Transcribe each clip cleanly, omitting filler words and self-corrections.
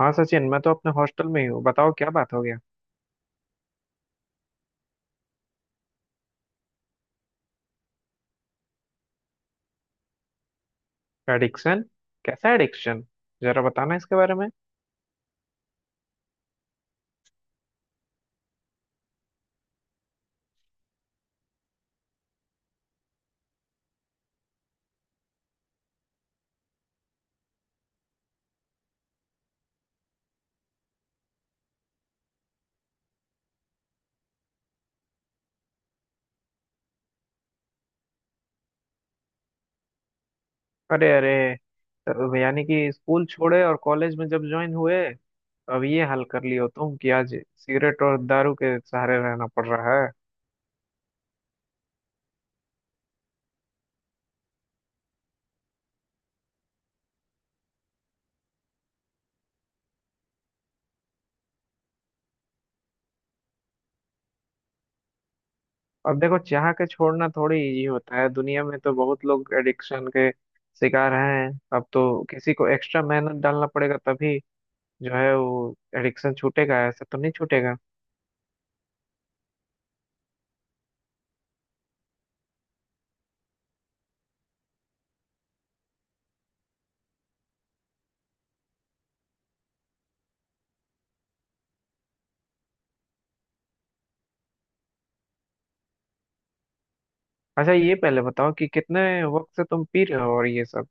हाँ सचिन, मैं तो अपने हॉस्टल में ही हूँ। बताओ क्या बात हो गया। एडिक्शन? कैसा एडिक्शन? जरा बताना इसके बारे में। अरे अरे, यानी कि स्कूल छोड़े और कॉलेज में जब ज्वाइन हुए अब ये हाल कर लियो तुम कि आज सिगरेट और दारू के सहारे रहना पड़ रहा है। अब देखो, चाह के छोड़ना थोड़ी इजी होता है। दुनिया में तो बहुत लोग एडिक्शन के शिकार हैं। अब तो किसी को एक्स्ट्रा मेहनत डालना पड़ेगा तभी जो है वो एडिक्शन छूटेगा, ऐसा तो नहीं छूटेगा। अच्छा ये पहले बताओ कि कितने वक्त से तुम पी रहे हो और ये सब।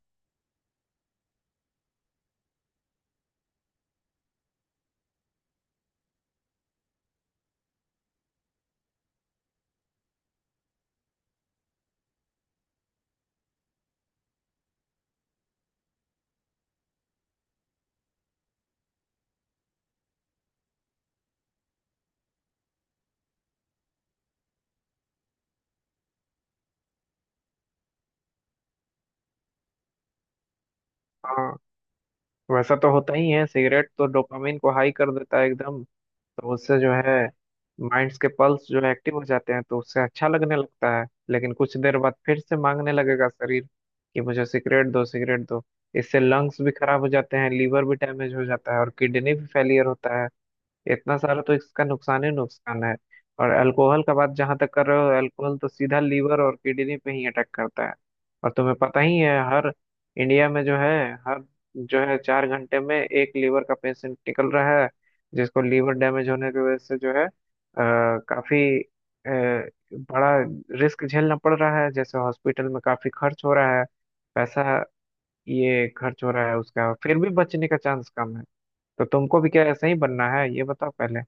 हाँ, वैसा तो होता ही है। सिगरेट तो डोपामिन को हाई कर देता है एकदम। तो उससे जो है माइंड्स के पल्स जो है एक्टिव हो जाते हैं तो उससे अच्छा लगने लगता है, लेकिन कुछ देर बाद फिर से मांगने लगेगा शरीर कि मुझे सिगरेट दो, सिगरेट दो। इससे लंग्स भी खराब हो जाते हैं, लीवर भी डैमेज हो जाता है, और किडनी भी फेलियर होता है। इतना सारा तो इसका नुकसान ही नुकसान है। और अल्कोहल का बात जहां तक कर रहे हो, अल्कोहल तो सीधा लीवर और किडनी पे ही अटैक करता है। और तुम्हें पता ही है, हर इंडिया में जो है हर जो है 4 घंटे में एक लीवर का पेशेंट निकल रहा है, जिसको लीवर डैमेज होने की वजह से जो है काफी अ, बड़ा रिस्क झेलना पड़ रहा है। जैसे हॉस्पिटल में काफी खर्च हो रहा है पैसा, ये खर्च हो रहा है उसका, फिर भी बचने का चांस कम है। तो तुमको भी क्या ऐसा ही बनना है, ये बताओ पहले।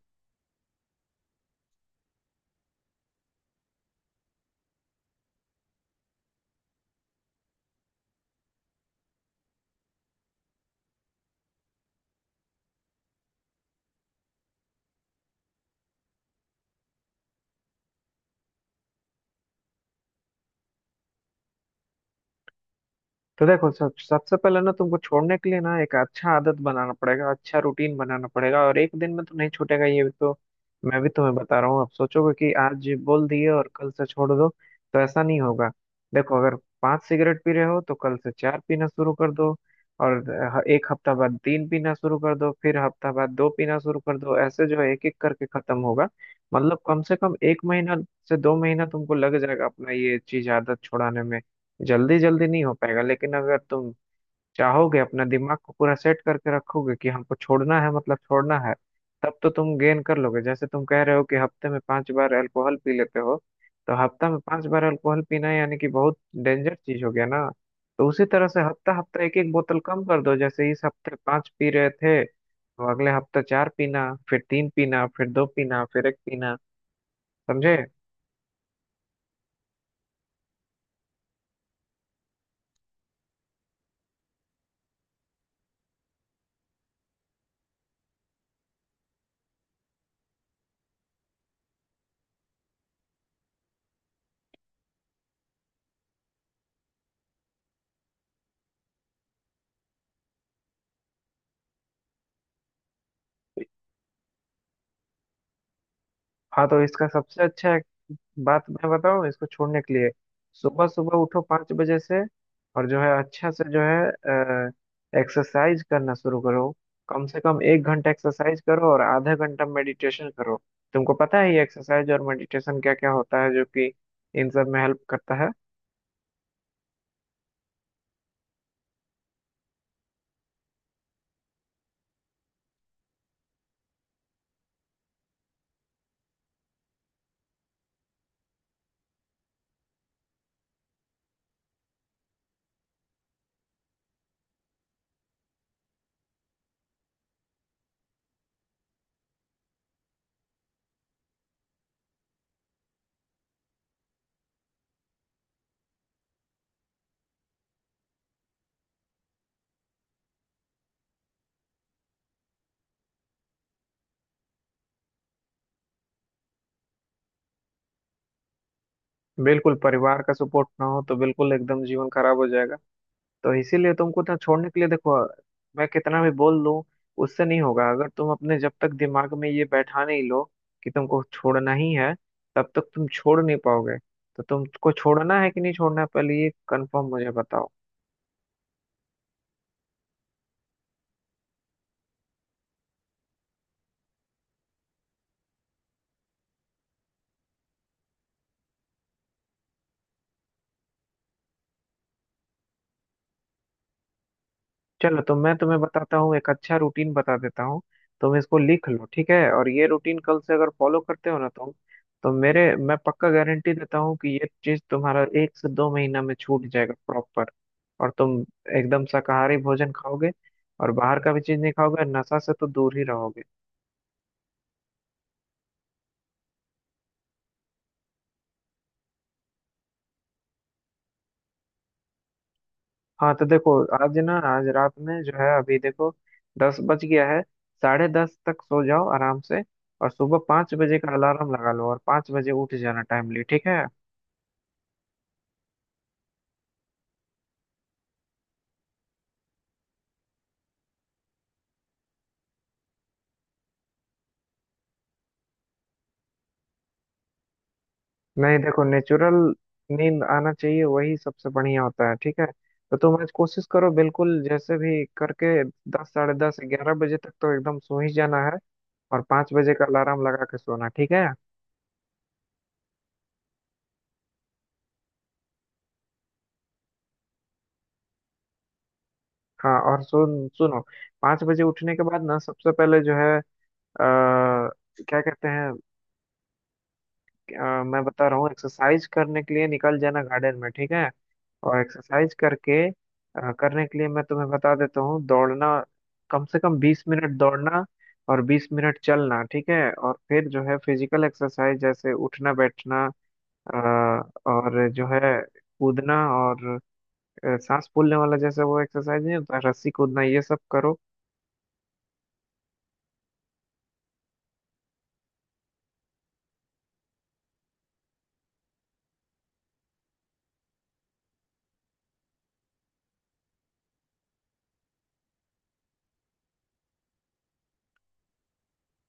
तो देखो, सब सबसे पहले ना तुमको छोड़ने के लिए ना एक अच्छा आदत बनाना पड़ेगा, अच्छा रूटीन बनाना पड़ेगा। और एक दिन में तो नहीं छूटेगा ये भी तो मैं भी तुम्हें बता रहा हूँ। अब सोचोगे कि आज बोल दिए और कल से छोड़ दो, तो ऐसा नहीं होगा। देखो, अगर 5 सिगरेट पी रहे हो तो कल से चार पीना शुरू कर दो, और एक हफ्ता बाद तीन पीना शुरू कर दो, फिर हफ्ता बाद दो पीना शुरू कर दो, ऐसे जो है एक एक करके खत्म होगा। मतलब कम से कम 1 महीना से 2 महीना तुमको लग जाएगा अपना ये चीज आदत छुड़ाने में। जल्दी जल्दी नहीं हो पाएगा, लेकिन अगर तुम चाहोगे, अपना दिमाग को पूरा सेट करके रखोगे कि हमको छोड़ना है मतलब छोड़ना है, तब तो तुम गेन कर लोगे। जैसे तुम कह रहे हो कि हफ्ते में पांच बार अल्कोहल पी लेते हो, तो हफ्ता में पांच बार अल्कोहल पीना यानी कि बहुत डेंजर चीज हो गया ना। तो उसी तरह से हफ्ता हफ्ता एक एक बोतल कम कर दो, जैसे इस हफ्ते पांच पी रहे थे तो अगले हफ्ता चार पीना, फिर तीन पीना, फिर दो पीना, फिर एक पीना। समझे? हाँ, तो इसका सबसे अच्छा है बात मैं बताऊं इसको छोड़ने के लिए, सुबह सुबह उठो 5 बजे से, और जो है अच्छा से जो है एक्सरसाइज करना शुरू करो। कम से कम 1 घंटा एक्सरसाइज करो और आधा घंटा मेडिटेशन करो। तुमको पता है ये एक्सरसाइज और मेडिटेशन क्या क्या होता है जो कि इन सब में हेल्प करता है। बिल्कुल, परिवार का सपोर्ट ना हो तो बिल्कुल एकदम जीवन खराब हो जाएगा। तो इसीलिए तुमको ना छोड़ने के लिए देखो, मैं कितना भी बोल लूं उससे नहीं होगा अगर तुम अपने जब तक दिमाग में ये बैठा नहीं लो कि तुमको छोड़ना ही है, तब तक तुम छोड़ नहीं पाओगे। तो तुमको छोड़ना है कि नहीं छोड़ना है, पहले ये कंफर्म मुझे बताओ। चलो, तो मैं तुम्हें बताता हूँ, एक अच्छा रूटीन बता देता हूँ, तुम इसको लिख लो, ठीक है। और ये रूटीन कल से अगर फॉलो करते हो ना तुम तो मेरे मैं पक्का गारंटी देता हूँ कि ये चीज तुम्हारा एक से 2 महीना में छूट जाएगा प्रॉपर। और तुम एकदम शाकाहारी भोजन खाओगे, और बाहर का भी चीज नहीं खाओगे, नशा से तो दूर ही रहोगे। हाँ, तो देखो, आज ना आज रात में जो है अभी देखो 10 बज गया है। 10:30 तक सो जाओ आराम से, और सुबह 5 बजे का अलार्म लगा लो, और 5 बजे उठ जाना टाइमली, ठीक है? नहीं, देखो, नेचुरल नींद आना चाहिए, वही सबसे बढ़िया होता है, ठीक है। तो तुम आज कोशिश करो बिल्कुल, जैसे भी करके 10, 10:30, 11 बजे तक तो एकदम सो ही जाना है, और पाँच बजे का अलार्म लगा के सोना, ठीक है? हाँ, और सुनो, 5 बजे उठने के बाद ना सबसे पहले जो है आ, क्या कहते हैं, मैं बता रहा हूँ, एक्सरसाइज करने के लिए निकल जाना गार्डन में, ठीक है? और एक्सरसाइज करके करने के लिए मैं तुम्हें बता देता हूँ, दौड़ना, कम से कम 20 मिनट दौड़ना और 20 मिनट चलना, ठीक है? और फिर जो है फिजिकल एक्सरसाइज जैसे उठना बैठना, अ, और जो है कूदना, और सांस फूलने वाला जैसे वो एक्सरसाइज नहीं होता, रस्सी कूदना, ये सब करो।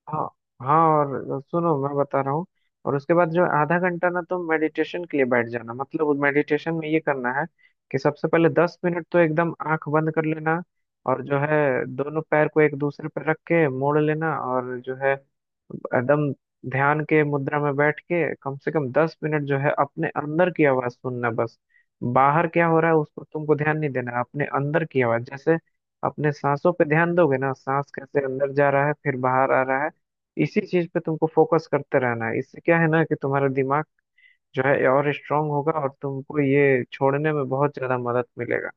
हाँ हाँ, और सुनो मैं बता रहा हूँ, और उसके बाद जो आधा घंटा ना तुम मेडिटेशन के लिए बैठ जाना। मतलब मेडिटेशन में ये करना है कि सबसे पहले 10 मिनट तो एकदम आंख बंद कर लेना, और जो है दोनों पैर को एक दूसरे पर रख के मोड़ लेना, और जो है एकदम ध्यान के मुद्रा में बैठ के कम से कम 10 मिनट जो है अपने अंदर की आवाज सुनना बस। बाहर क्या हो रहा है उसको तुमको ध्यान नहीं देना, अपने अंदर की आवाज, जैसे अपने सांसों पे ध्यान दोगे ना, सांस कैसे अंदर जा रहा है फिर बाहर आ रहा है, इसी चीज पे तुमको फोकस करते रहना है। इससे क्या है ना कि तुम्हारा दिमाग जो है और स्ट्रांग होगा और तुमको ये छोड़ने में बहुत ज्यादा मदद मिलेगा।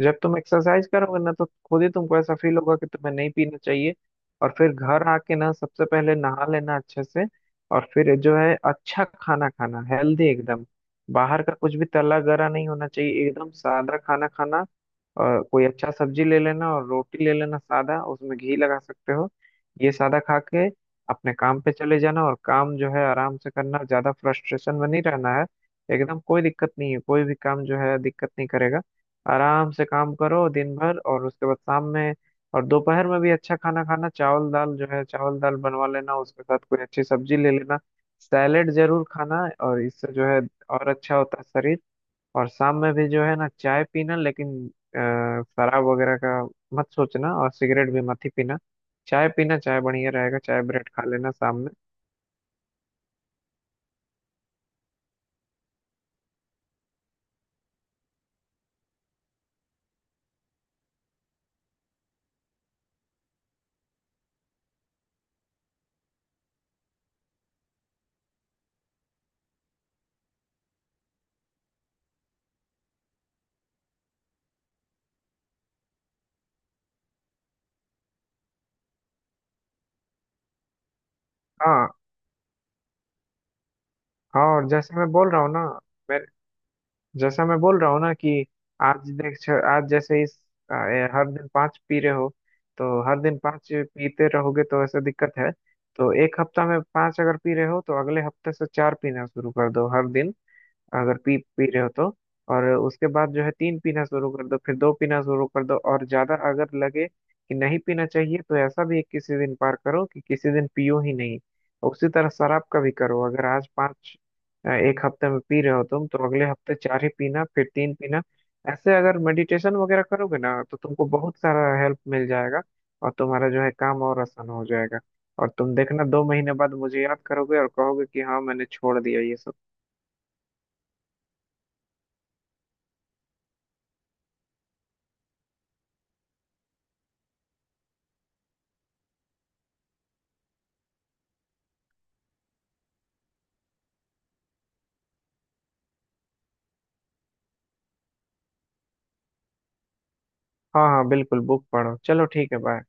जब तुम एक्सरसाइज करोगे ना तो खुद ही तुमको ऐसा फील होगा कि तुम्हें नहीं पीना चाहिए। और फिर घर आके ना सबसे पहले नहा लेना अच्छे से, और फिर जो है अच्छा खाना खाना हेल्दी एकदम। बाहर का कुछ भी तला गरा नहीं होना चाहिए, एकदम सादा खाना खाना। और कोई अच्छा सब्जी ले लेना और रोटी ले लेना सादा, उसमें घी लगा सकते हो। ये सादा खा के अपने काम पे चले जाना, और काम जो है आराम से करना, ज्यादा फ्रस्ट्रेशन में नहीं रहना है, एकदम कोई दिक्कत नहीं है, कोई भी काम जो है दिक्कत नहीं करेगा। आराम से काम करो दिन भर, और उसके बाद शाम में, और दोपहर में भी अच्छा खाना खाना, चावल दाल जो है, चावल दाल बनवा लेना उसके साथ कोई अच्छी सब्जी ले लेना, सैलेड जरूर खाना। और इससे जो है और अच्छा होता है शरीर। और शाम में भी जो है ना चाय पीना, लेकिन शराब वगैरह का मत सोचना, और सिगरेट भी मत ही पीना। चाय पीना, चाय बढ़िया रहेगा, चाय ब्रेड खा लेना शाम में। हाँ हाँ, और जैसे मैं बोल रहा हूँ ना, मैं जैसा मैं बोल रहा हूँ ना कि आज आज जैसे इस अ, हर दिन पाँच पी रहे हो, तो हर दिन पाँच पीते रहोगे तो ऐसा दिक्कत है। तो एक हफ्ता में पाँच अगर पी रहे हो तो अगले हफ्ते से चार पीना शुरू कर दो हर दिन अगर पी पी रहे हो तो। और उसके बाद जो है तीन पीना शुरू कर दो, फिर दो पीना शुरू कर दो, और ज्यादा अगर लगे कि नहीं पीना चाहिए तो ऐसा भी एक किसी दिन पार करो कि किसी दिन पियो ही नहीं। उसी तरह शराब का भी करो, अगर आज पांच एक हफ्ते में पी रहे हो तुम तो अगले हफ्ते चार ही पीना, फिर तीन पीना। ऐसे अगर मेडिटेशन वगैरह करोगे ना तो तुमको बहुत सारा हेल्प मिल जाएगा, और तुम्हारा जो है काम और आसान हो जाएगा। और तुम देखना, 2 महीने बाद मुझे याद करोगे और कहोगे कि हाँ मैंने छोड़ दिया ये सब। हाँ हाँ, बिल्कुल, बुक पढ़ो। चलो ठीक है, बाय।